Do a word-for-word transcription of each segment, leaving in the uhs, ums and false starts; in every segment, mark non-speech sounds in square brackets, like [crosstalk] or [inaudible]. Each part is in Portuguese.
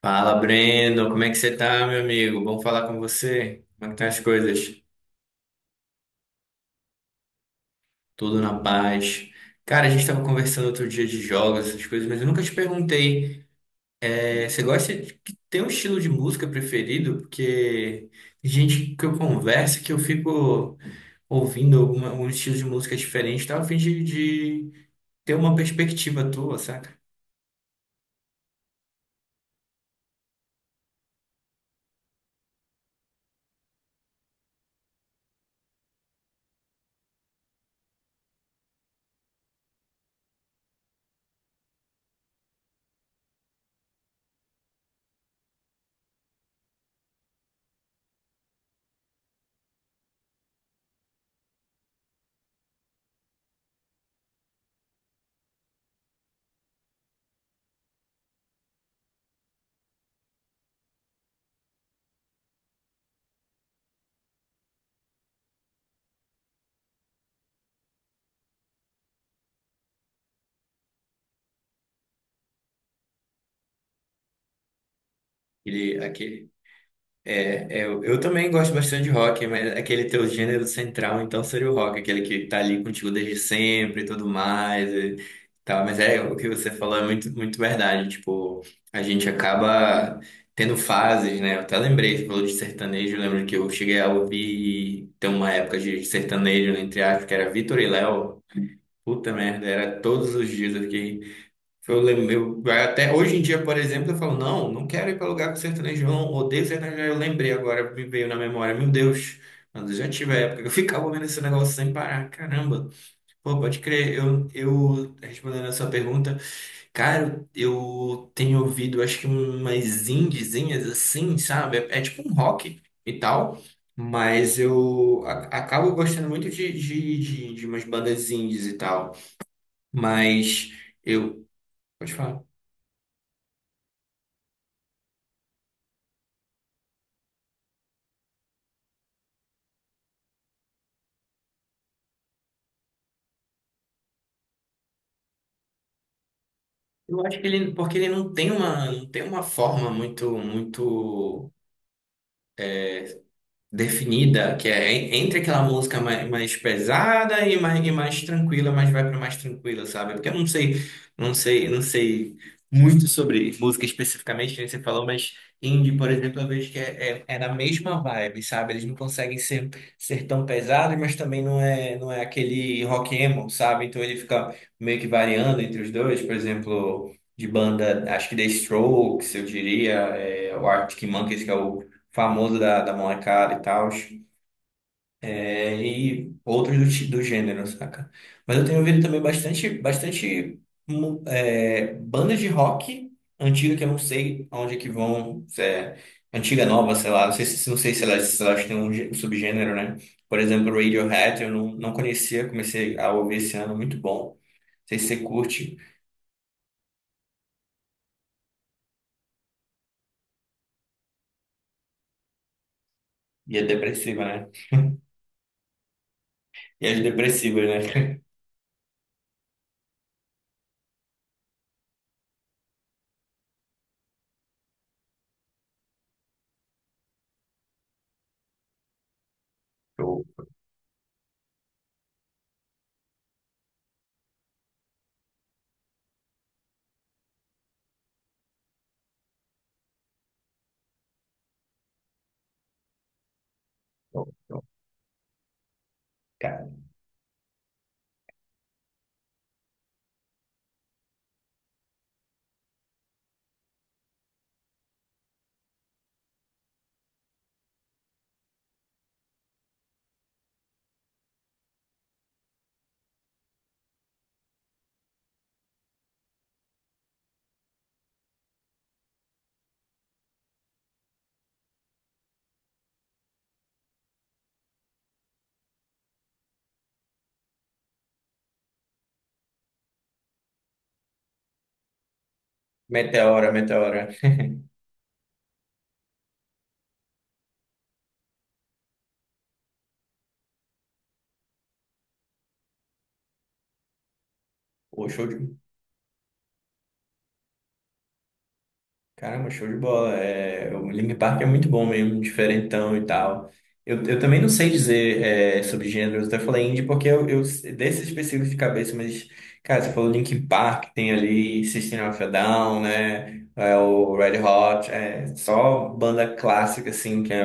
Fala, Breno, como é que você tá, meu amigo? Bom falar com você. Como é que estão as coisas? Tudo na paz. Cara, a gente tava conversando outro dia de jogos, essas coisas, mas eu nunca te perguntei. É, você gosta de ter um estilo de música preferido? Porque tem gente que eu converso que eu fico ouvindo alguma, um estilo de música diferente, tá? A fim de, de ter uma perspectiva tua, saca? Aquele, aquele É, é, eu, eu também gosto bastante de rock, mas aquele teu gênero central, então, seria o rock, aquele que tá ali contigo desde sempre e tudo mais e tal. Mas é, o que você falou é muito, muito verdade. Tipo, a gente acaba tendo fases, né? Eu até lembrei, você falou de sertanejo, eu lembro que eu cheguei a ouvir, tem uma época de sertanejo, entre aspas, que era Vitor e Léo. Puta merda, era todos os dias eu fiquei eu, lem- eu até hoje em dia, por exemplo, eu falo, não, não quero ir para lugar com sertanejo, não odeio sertanejo. Eu lembrei agora, me veio na memória, meu Deus, quando eu já tive a época que eu [laughs] ficava ouvindo esse negócio sem parar, caramba. Pô, pode crer, eu, eu respondendo a sua pergunta, cara, eu tenho ouvido, acho que umas indiezinhas assim, sabe? É, é tipo um rock e tal. Mas eu a- acabo gostando muito de, de, de, de umas bandas indies e tal. Mas eu. Pode falar. Eu acho que ele, porque ele não tem uma, não tem uma forma muito, muito definida, que é en- entre aquela música mais, mais pesada e mais, e mais tranquila, mas vai para mais tranquila, sabe? Porque eu não sei, não sei, não sei muito sobre música especificamente, que nem você falou, mas indie, por exemplo, eu vejo que é, é, é na mesma vibe, sabe? Eles não conseguem ser, ser tão pesados, mas também não é, não é aquele rock emo, sabe? Então ele fica meio que variando entre os dois, por exemplo. De banda, acho que The Strokes, eu diria, é, o Arctic Monkeys, que é o famoso da, da molecada e tal, é, e outros do, ti- do gênero, saca? Mas eu tenho ouvido também bastante, bastante mu- é, bandas de rock antiga que eu não sei aonde é que vão, se é antiga, nova, sei lá, não sei se, não sei se elas, se elas têm um, gê- um subgênero, né? Por exemplo, Radiohead, eu não, não conhecia, comecei a ouvir esse ano, muito bom. Não sei se você curte, e é depressiva, né? E as depressivas, né? [laughs] Show, show, show. Cara, Meteora, Meteora. [laughs] Pô, show de Caramba, show de bola. É, o Linkin Park é muito bom mesmo, diferentão e tal. Eu, eu também não sei dizer é, sobre gêneros, até falei indie porque eu, eu desses específicos de cabeça, mas, cara, você falou Linkin Park, tem ali System of a Down, né? É, o Red Hot, é só banda clássica, assim, que é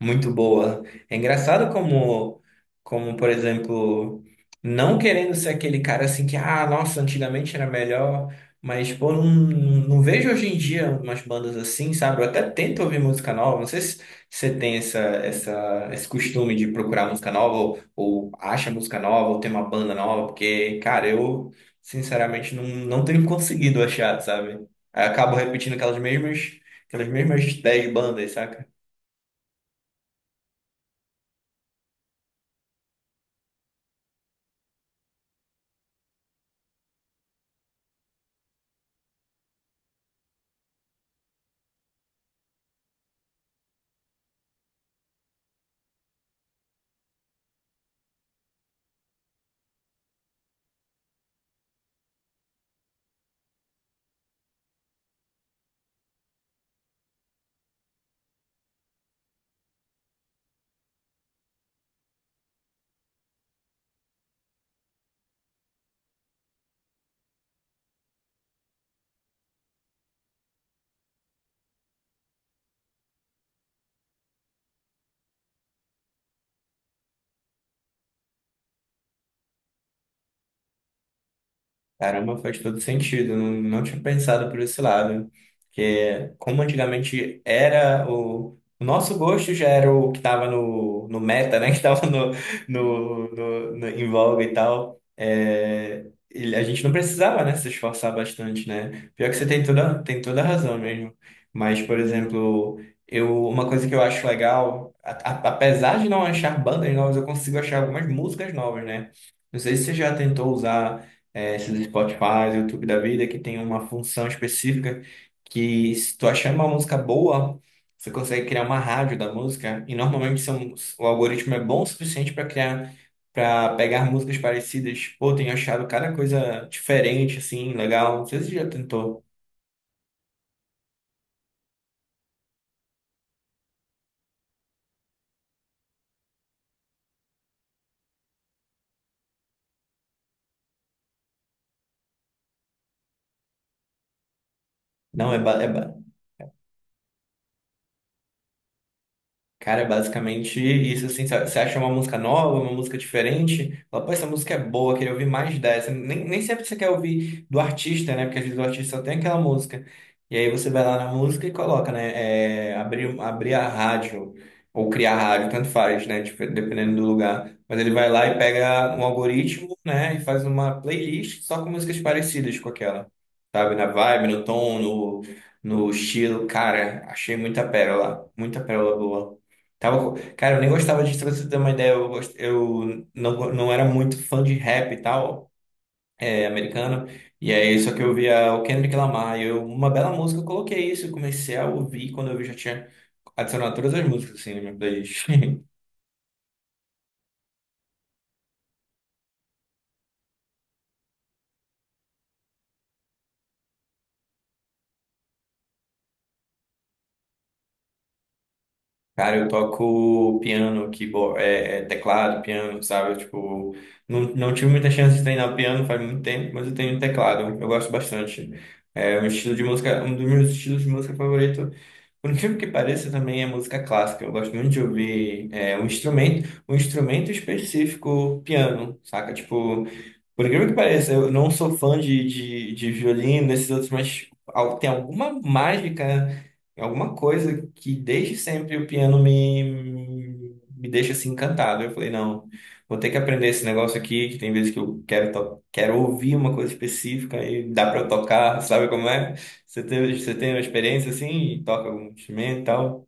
muito boa. É engraçado como, como, por exemplo, não querendo ser aquele cara assim que, ah, nossa, antigamente era melhor. Mas, pô, não, não vejo hoje em dia umas bandas assim, sabe? Eu até tento ouvir música nova. Não sei se você tem essa, essa, esse costume de procurar música nova, ou, ou acha música nova, ou tem uma banda nova, porque, cara, eu sinceramente não, não tenho [laughs] conseguido achar, sabe? Aí eu acabo repetindo aquelas mesmas, aquelas mesmas dez bandas, sabe? Caramba, faz todo sentido. Não, não tinha pensado por esse lado. Que como antigamente era o, o nosso gosto já era o que estava no, no meta, né? [laughs] Que estava no, no, no, no- em voga e tal. É, e a gente não precisava, né, se esforçar bastante, né? Pior que você tem toda, tem toda a razão mesmo. Mas, por exemplo, eu, uma coisa que eu acho legal, a- a- apesar de não achar bandas novas, eu consigo achar algumas músicas novas, né? Não sei se você já tentou usar é, esses Spotify, YouTube da vida, que tem uma função específica que se tu achar uma música boa, você consegue criar uma rádio da música e normalmente são, o algoritmo é bom o suficiente para criar, para pegar músicas parecidas. Pô, tenho achado cada coisa diferente, assim, legal. Não sei se você já tentou. Não, é, ba- é, ba- Cara, é basicamente isso, assim, sabe? Você acha uma música nova, uma música diferente, fala, pô, essa música é boa, queria ouvir mais dessa. Nem, nem sempre você quer ouvir do artista, né? Porque às vezes o artista só tem aquela música. E aí você vai lá na música e coloca, né? É, abrir, abrir a rádio, ou criar rádio, tanto faz, né? Tipo, dependendo do lugar. Mas ele vai lá e pega um algoritmo, né? E faz uma playlist só com músicas parecidas com aquela, sabe? Na vibe, no tom, no, no estilo. Cara, achei muita pérola, muita pérola boa. Tava, co- cara, eu nem gostava de, pra você ter uma ideia, eu, gost- eu não, go- não era muito fã de rap e tal, é, americano, e aí só que eu via o Kendrick Lamar, e eu, uma bela música, eu coloquei isso, eu comecei a ouvir, quando eu vi já tinha adicionado todas as músicas, assim, na minha playlist. [laughs] Cara, eu toco piano, keyboard, é, é, teclado, piano, sabe? Eu, Tipo, não, não tive muita chance de treinar piano faz muito tempo, mas eu tenho teclado, eu gosto bastante. É um estilo de música, um dos meus estilos de música favorito. Por incrível que pareça, também é música clássica. Eu gosto muito de ouvir é, um instrumento, um instrumento específico, piano, saca? Tipo, por incrível que pareça, eu não sou fã de, de, de violino, desses outros, mas al- tem alguma mágica, alguma coisa que desde sempre o piano me, me deixa assim encantado. Eu falei, não, vou ter que aprender esse negócio aqui, que tem vezes que eu quero, to- quero ouvir uma coisa específica e dá pra eu tocar, sabe como é? Você teve, você tem uma experiência assim, e toca algum instrumento e tal?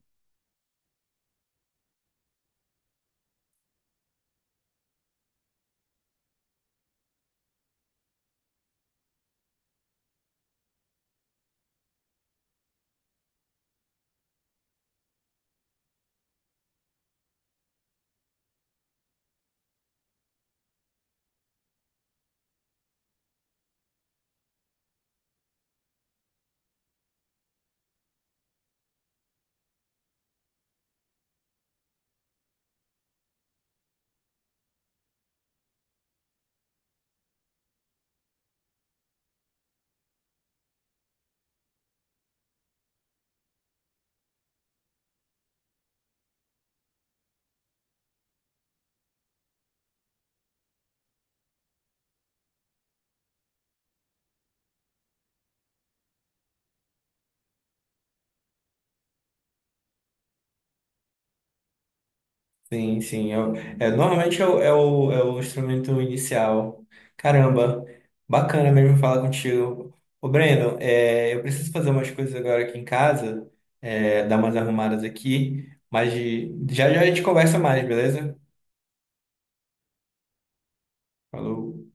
Sim, sim. É, o- é, normalmente é o, é o, é o instrumento inicial. Caramba, bacana mesmo falar contigo. Ô, Breno, é, eu preciso fazer umas coisas agora aqui em casa, é, dar umas arrumadas aqui, mas de- já já a gente conversa mais, beleza? Falou.